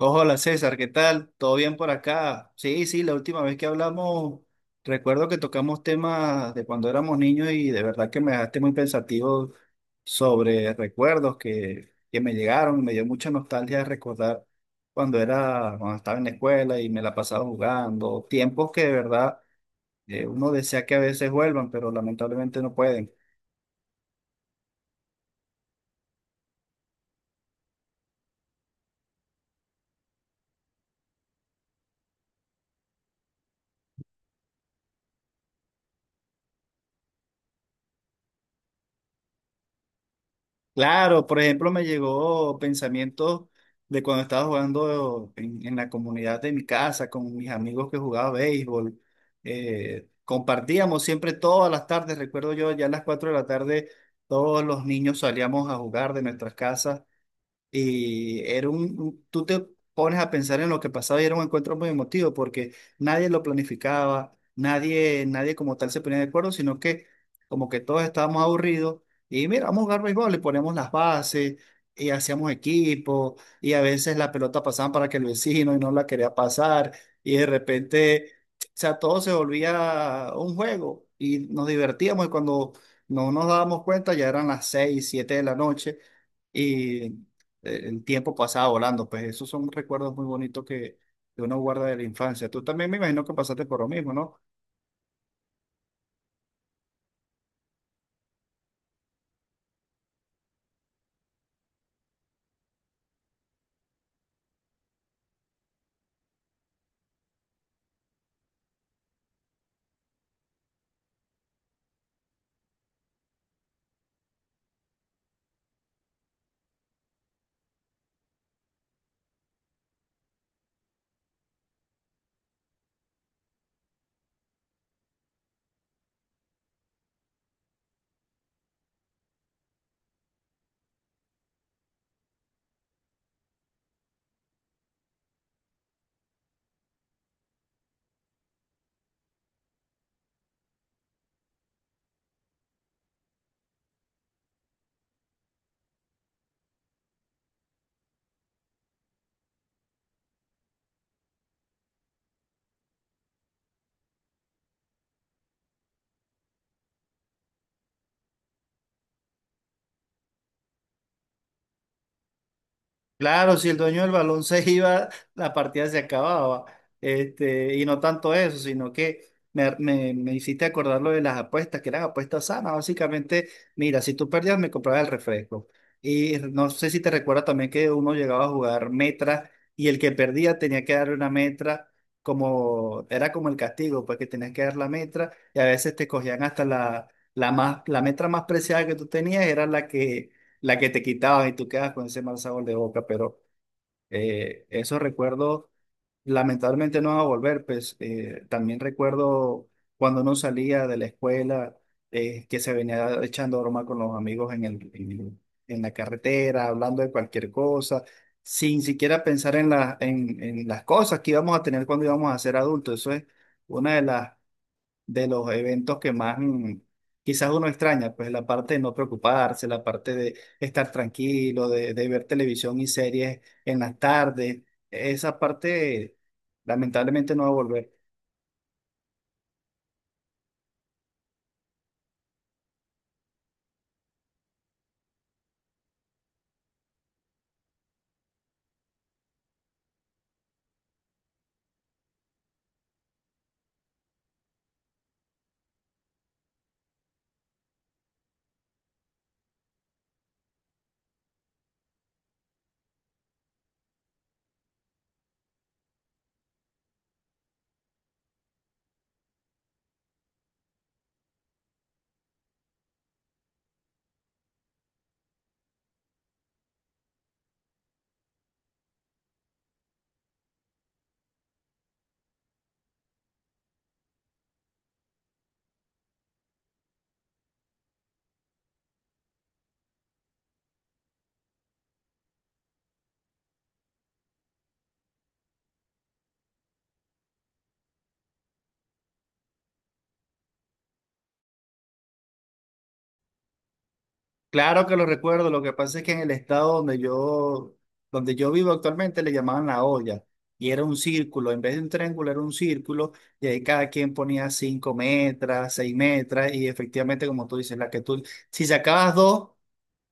Hola César, ¿qué tal? ¿Todo bien por acá? Sí, sí, la última vez que hablamos, recuerdo que tocamos temas de cuando éramos niños y de verdad que me dejaste muy pensativo sobre recuerdos que me llegaron, me dio mucha nostalgia recordar cuando estaba en la escuela y me la pasaba jugando, tiempos que de verdad uno desea que a veces vuelvan, pero lamentablemente no pueden. Claro, por ejemplo, me llegó pensamientos de cuando estaba jugando en la comunidad de mi casa con mis amigos que jugaba béisbol. Compartíamos siempre todas las tardes, recuerdo yo, ya a las 4 de la tarde todos los niños salíamos a jugar de nuestras casas y era tú te pones a pensar en lo que pasaba y era un encuentro muy emotivo porque nadie lo planificaba, nadie, nadie como tal se ponía de acuerdo, sino que como que todos estábamos aburridos y mira, vamos a jugar béisbol y poníamos las bases y hacíamos equipo y a veces la pelota pasaba para que el vecino y no la quería pasar y de repente, o sea, todo se volvía un juego y nos divertíamos y cuando no nos dábamos cuenta ya eran las 6, 7 de la noche, el tiempo pasaba volando, pues esos son recuerdos muy bonitos que uno guarda de la infancia. Tú también me imagino que pasaste por lo mismo, ¿no? Claro, si el dueño del balón se iba, la partida se acababa. Este, y no tanto eso, sino que me hiciste acordar lo de las apuestas, que eran apuestas sanas. Básicamente, mira, si tú perdías, me comprabas el refresco. Y no sé si te recuerdas también que uno llegaba a jugar metra y el que perdía tenía que darle una metra, como era como el castigo, pues que tenías que dar la metra y a veces te cogían hasta la metra más preciada que tú tenías, era la que te quitabas y tú quedas con ese mal sabor de boca, pero esos recuerdos lamentablemente no van a volver, pues también recuerdo cuando uno salía de la escuela, que se venía echando broma con los amigos en la carretera, hablando de cualquier cosa, sin siquiera pensar en las cosas que íbamos a tener cuando íbamos a ser adultos, eso es una de las de los eventos que más quizás uno extraña, pues la parte de no preocuparse, la parte de estar tranquilo, de ver televisión y series en las tardes, esa parte lamentablemente no va a volver. Claro que lo recuerdo, lo que pasa es que en el estado donde yo vivo actualmente le llamaban la olla. Y era un círculo, en vez de un triángulo era un círculo, y ahí cada quien ponía 5 metros, 6 metros, y efectivamente, como tú dices, la que tú, si sacabas dos,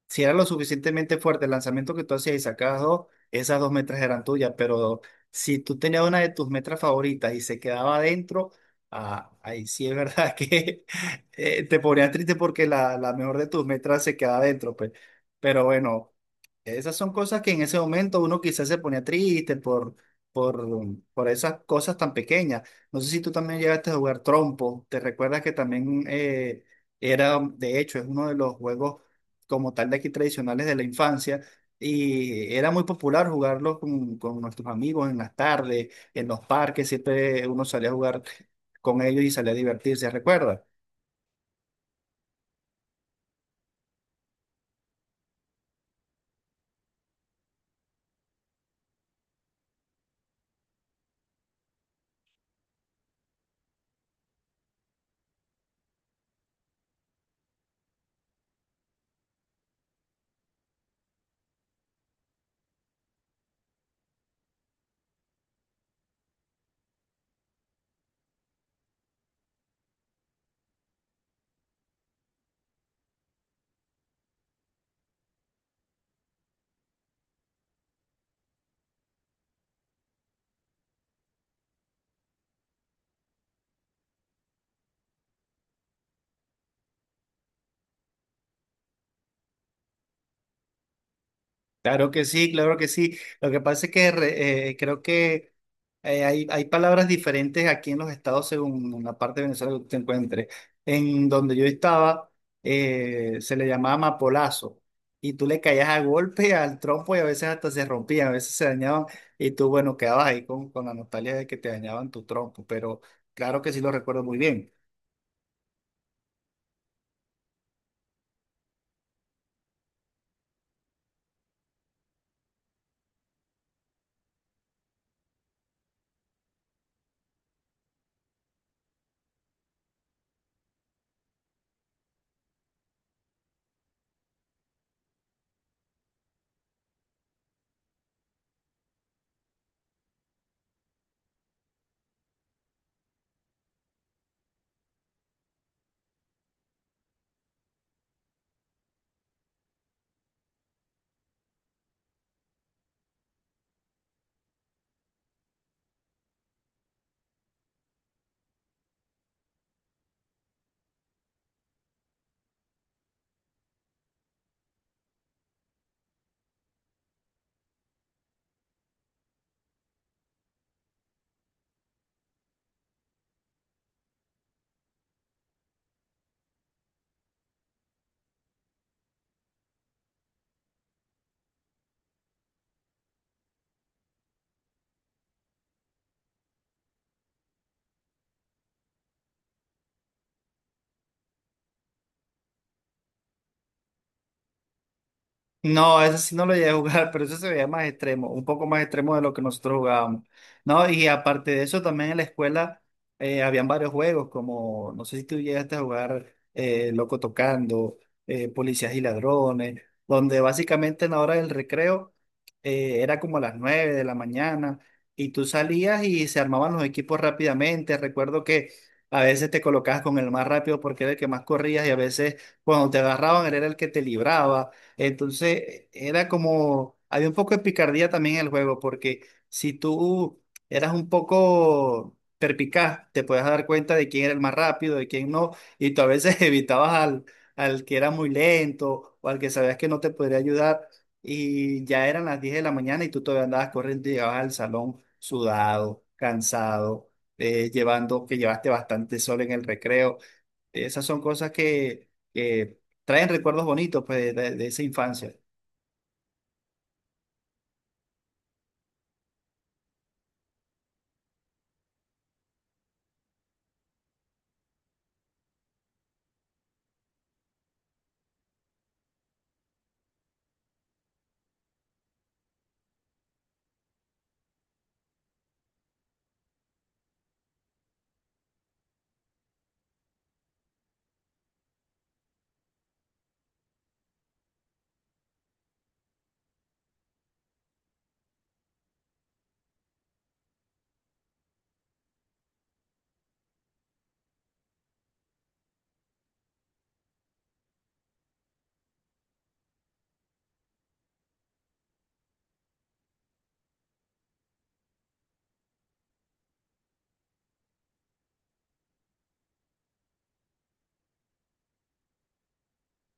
si era lo suficientemente fuerte el lanzamiento que tú hacías y sacabas dos, esas dos metras eran tuyas, pero si tú tenías una de tus metras favoritas y se quedaba adentro, ah, ahí sí es verdad que te ponías triste porque la mejor de tus metras se quedaba adentro, pues. Pero bueno, esas son cosas que en ese momento uno quizás se ponía triste por, por esas cosas tan pequeñas. No sé si tú también llegaste a jugar trompo, te recuerdas que era, de hecho, es uno de los juegos como tal de aquí tradicionales de la infancia. Y era muy popular jugarlo con nuestros amigos en las tardes, en los parques, siempre uno salía a jugar con ellos y salía a divertirse, ¿recuerda? Claro que sí, claro que sí. Lo que pasa es que creo que hay palabras diferentes aquí en los estados según la parte de Venezuela que te encuentres. En donde yo estaba, se le llamaba mapolazo y tú le caías a golpe al trompo y a veces hasta se rompían, a veces se dañaban y tú, bueno, quedabas ahí con la nostalgia de que te dañaban tu trompo, pero claro que sí lo recuerdo muy bien. No, ese sí no lo llegué a jugar, pero eso se veía más extremo, un poco más extremo de lo que nosotros jugábamos, ¿no? Y aparte de eso, también en la escuela habían varios juegos, como, no sé si tú llegaste a jugar Loco Tocando, Policías y Ladrones, donde básicamente en la hora del recreo era como a las 9 de la mañana y tú salías y se armaban los equipos rápidamente. Recuerdo que a veces te colocabas con el más rápido porque era el que más corrías y a veces cuando te agarraban él era el que te libraba. Entonces, era como, había un poco de picardía también en el juego, porque si tú eras un poco perpicaz, te podías dar cuenta de quién era el más rápido, de quién no, y tú a veces evitabas al que era muy lento o al que sabías que no te podría ayudar, y ya eran las 10 de la mañana y tú todavía andabas corriendo y llegabas al salón sudado, cansado, llevando, que llevaste bastante sol en el recreo. Esas son cosas que traen recuerdos bonitos pues, de esa infancia.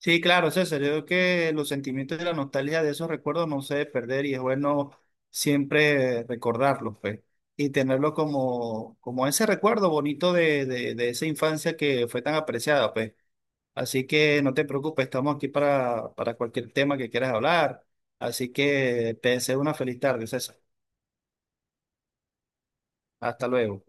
Sí, claro, César, yo creo que los sentimientos de la nostalgia de esos recuerdos no se debe perder y es bueno siempre recordarlos, pues, y tenerlo como, como ese recuerdo bonito de, de esa infancia que fue tan apreciada, pues. Así que no te preocupes, estamos aquí para cualquier tema que quieras hablar. Así que te deseo una feliz tarde, César. Hasta luego.